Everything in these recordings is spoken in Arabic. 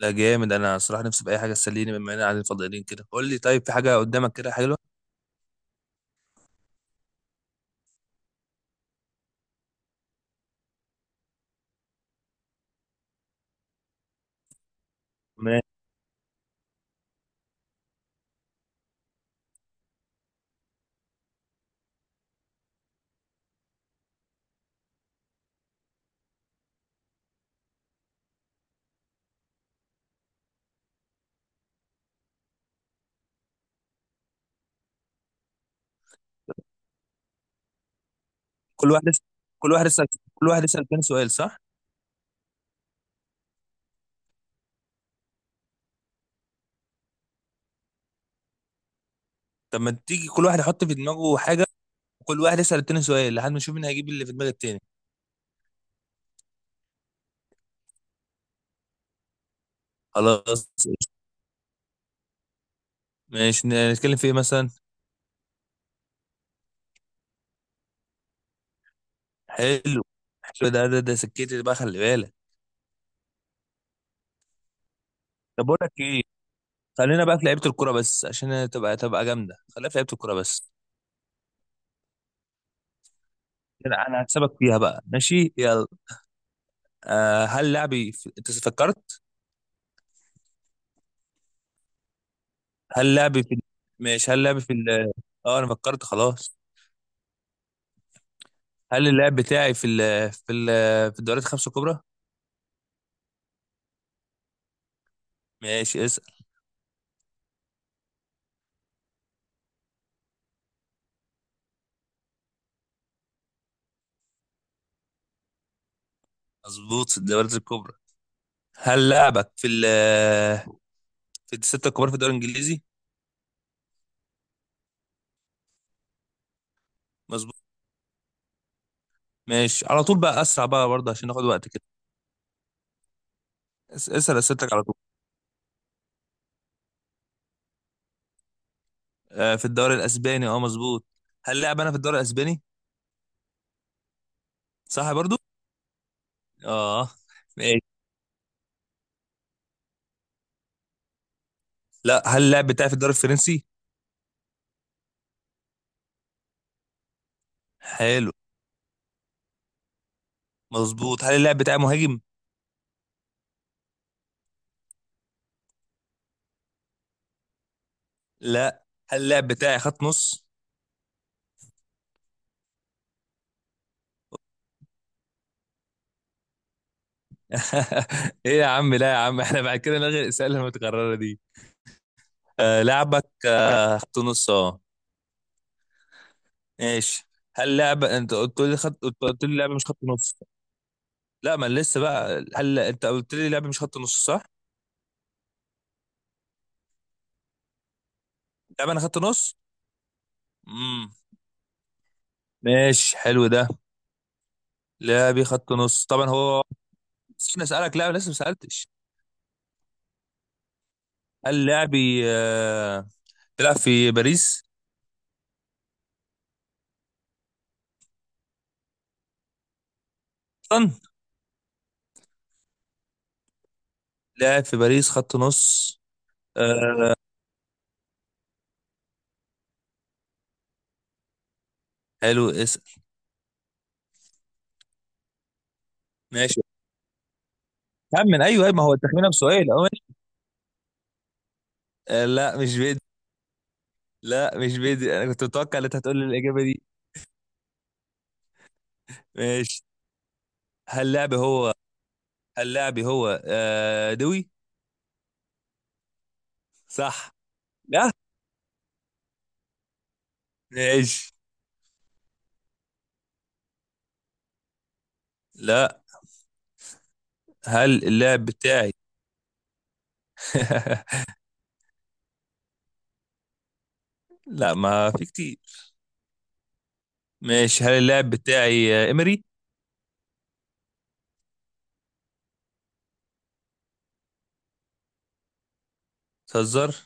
لا جامد. انا صراحه نفسي باي حاجه تسليني بما اننا قاعدين فاضيين كده. قول لي طيب، في حاجه قدامك كده حلوه؟ ماشي. كل واحد يسأل، كل واحد يسال، كل واحد يسال تاني سؤال، صح؟ طب ما تيجي كل واحد يحط في دماغه حاجه، وكل واحد يسال التاني سؤال لحد ما نشوف مين هيجيب اللي في دماغ التاني. خلاص ماشي. نتكلم في ايه مثلا؟ حلو. حلو ده ده سكتي بقى، خلي بالك. طب بقول لك ايه، خلينا بقى في لعيبه الكوره بس عشان تبقى جامده، خلينا في لعيبه الكوره بس. انا هكسبك فيها بقى. ماشي يلا. آه، هل لاعبي في... انت فكرت؟ هل لعبي في ال-؟ ماشي، هل لعبي في ال-؟ اه انا فكرت خلاص. هل اللعب بتاعي في ال في ال في الدوريات الخمسة الكبرى؟ ماشي اسأل. مظبوط، في الدوريات الكبرى. هل لعبك في ال في الستة الكبار في الدوري الانجليزي؟ مظبوط. ماشي، على طول بقى، اسرع بقى برضه عشان ناخد وقت كده. اسأل اسئلتك على طول. آه، في الدوري الاسباني؟ اه مظبوط. هل لعب انا في الدوري الاسباني؟ صح برضه. اه ماشي. لا، هل اللعب بتاعي في الدوري الفرنسي؟ حلو. مظبوط. هل اللعب بتاعي مهاجم؟ لا. هل اللعب بتاعي خط نص؟ ايه يا عم، لا يا عم، احنا بعد كده نلغي الاسئله المتكرره دي. آه لعبك آه خط نص اه. ماشي. هل لعبه انت قلت لي خط، قلت لي لعبه مش خط نص. لا ما أنا لسه بقى، هل انت قلت لي لعبه مش خط نص، صح؟ لعبه انا خط نص. امم ماشي، حلو ده. لعبي خط نص طبعا هو. نسينا اسالك، لا لسه ما سالتش. هل لعبي بيلعب في باريس؟ اصلا. لاعب في باريس خط نص. آه حلو. اسال. ماشي، خمن. ايوه أيوة، ما هو التخمينه بسؤال. لا مش بدي. لا مش بدي، انا كنت متوقع ان انت هتقول لي الاجابه دي. ماشي. هل لعبي هو، هل لعبي هو دوي؟ صح؟ لا. ماشي. لا هل اللاعب بتاعي لا، ما في كتير. ماشي، هل اللاعب بتاعي امري؟ تهزر.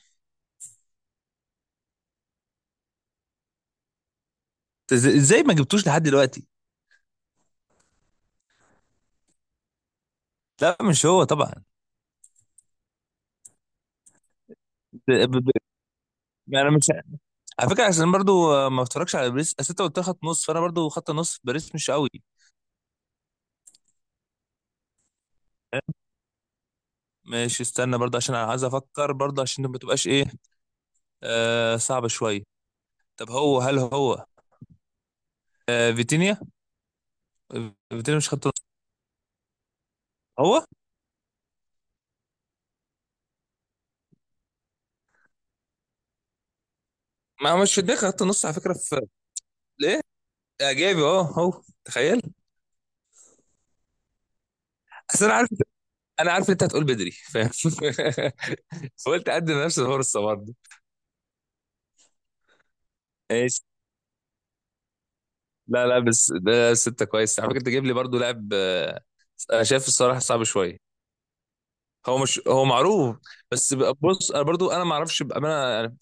ازاي ما جبتوش لحد دلوقتي؟ لا مش هو طبعا. ب- ب- ب- انا مش، على فكره، عشان أنا برضو، ما اتفرجش على باريس، اصل انت قلت لي خط نص، فانا برضو خط نص في باريس مش قوي. ماشي، استنى برضه عشان انا عايز افكر برضه عشان ما تبقاش ايه، آه، صعبة شوية. طب هو، هل هو فيتينيا؟ فيتينيا مش خط نص، هو؟ ما مش في دماغي خط نص على فكرة، في ليه اعجابي اه هو، تخيل. اصل انا عارف، انا عارف إن انت هتقول بدري، فاهم؟ فقلت اقدم نفس الفرصة برضه. ايش؟ لا لا بس ده ستة كويس على فكرة، انت جايب لي برضه لاعب انا شايف الصراحة صعب شوية. هو مش هو معروف. بص، انا برضو انا ما اعرفش بامانه.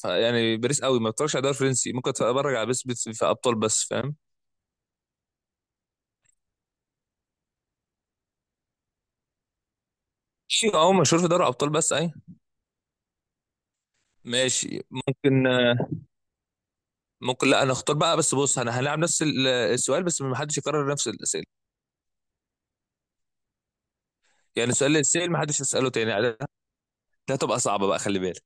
يعني يعني باريس قوي ما بتفرجش على الدوري الفرنسي، ممكن اتفرج على في ابطال بس، فاهم؟ ماشي. اه مشهور في دوري ابطال بس، اي. ماشي ممكن. ممكن لا، انا اختار بقى. بس بص، انا هنلعب نفس السؤال، بس ما حدش يكرر نفس الاسئله. يعني السؤال اللي اتسال ما حدش يساله تاني. ده ده هتبقى صعبه بقى، خلي بالك.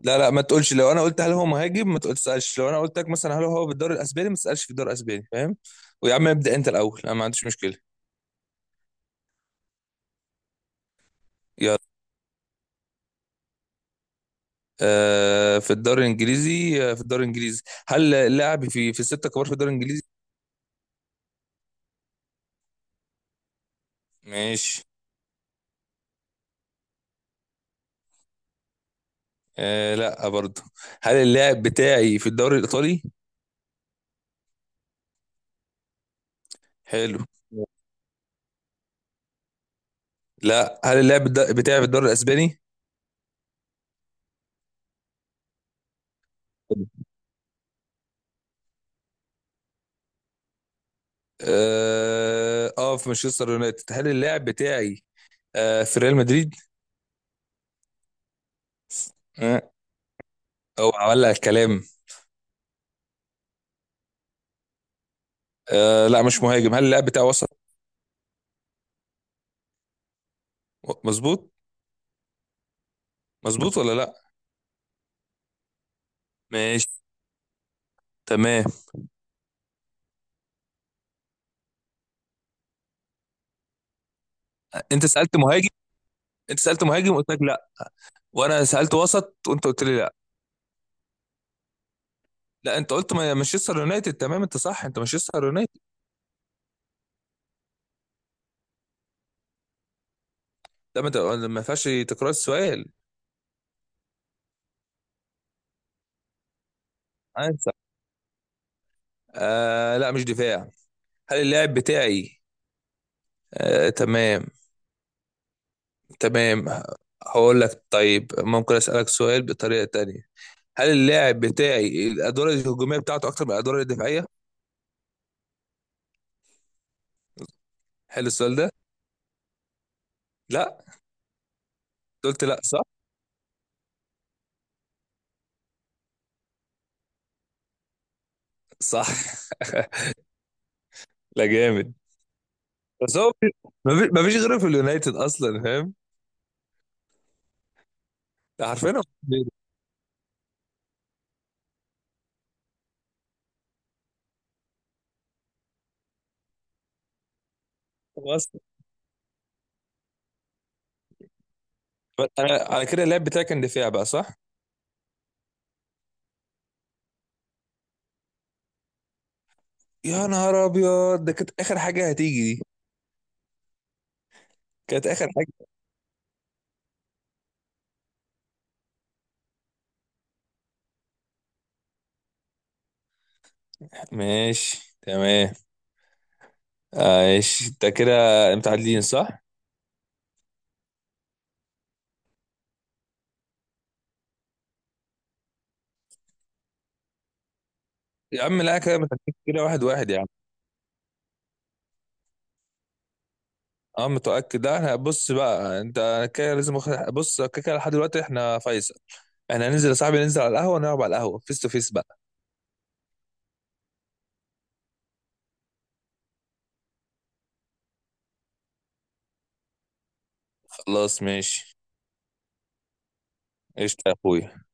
لا لا، ما تقولش، لو انا قلت هل هو مهاجم، ما تقولش تسالش. لو انا قلت لك مثلا هل هو في الدوري الاسباني، ما تسالش في الدوري الاسباني، فاهم؟ ويا عم ابدا، انت الاول، انا ما عنديش مشكله. يلا. آه في الدوري الانجليزي. آه في الدوري الانجليزي. هل اللاعب في في الستة كبار في الدوري الانجليزي؟ ماشي. آه لا برضه. هل اللاعب بتاعي في الدوري الايطالي؟ حلو. لا هل بتاعي في الدوري الاسباني؟ اه آه، في مانشستر يونايتد؟ هل اللاعب بتاعي آه في ريال مدريد؟ آه. او ولع الكلام. آه لا مش مهاجم. هل اللاعب بتاعي وسط؟ مظبوط. مظبوط ولا لا؟ ماشي، تمام. انت سألت مهاجم، انت سألت مهاجم قلت لك لا، وانا سألت وسط وانت قلت لي لا. لا انت قلت مانشستر يونايتد، تمام انت صح، انت مانشستر يونايتد. ده ما فيهاش تكرار السؤال. عارف. آه لا مش دفاع. هل اللاعب بتاعي آه، تمام، تمام. هقول لك طيب، ممكن أسألك سؤال بطريقة تانية؟ هل اللاعب بتاعي الأدوار الهجومية بتاعته أكتر من الأدوار الدفاعية؟ حلو السؤال ده؟ لا، قلت لا صح؟ صح. لا جامد. بس هو، مفيش مفيش غيره في اليونايتد أصلا، فاهم؟ ده عارفين هو. هو أصلا. بس أنا على كده اللاعب بتاعي كان دفاع بقى، صح؟ يا نهار أبيض، ده كانت آخر حاجة هتيجي دي. كانت آخر حاجة. ماشي تمام. ماشي ده كده متعادلين، صح؟ يا عم لا، كده متأكد كده، واحد واحد يا عم. اه متأكد. لا احنا بص بقى، انت أنا كده لازم بص كده، كده لحد دلوقتي احنا فيصل. احنا هننزل يا صاحبي، ننزل على القهوة، نلعب على القهوة فيس تو فيس بقى. خلاص ماشي. قشطة يا اخويا.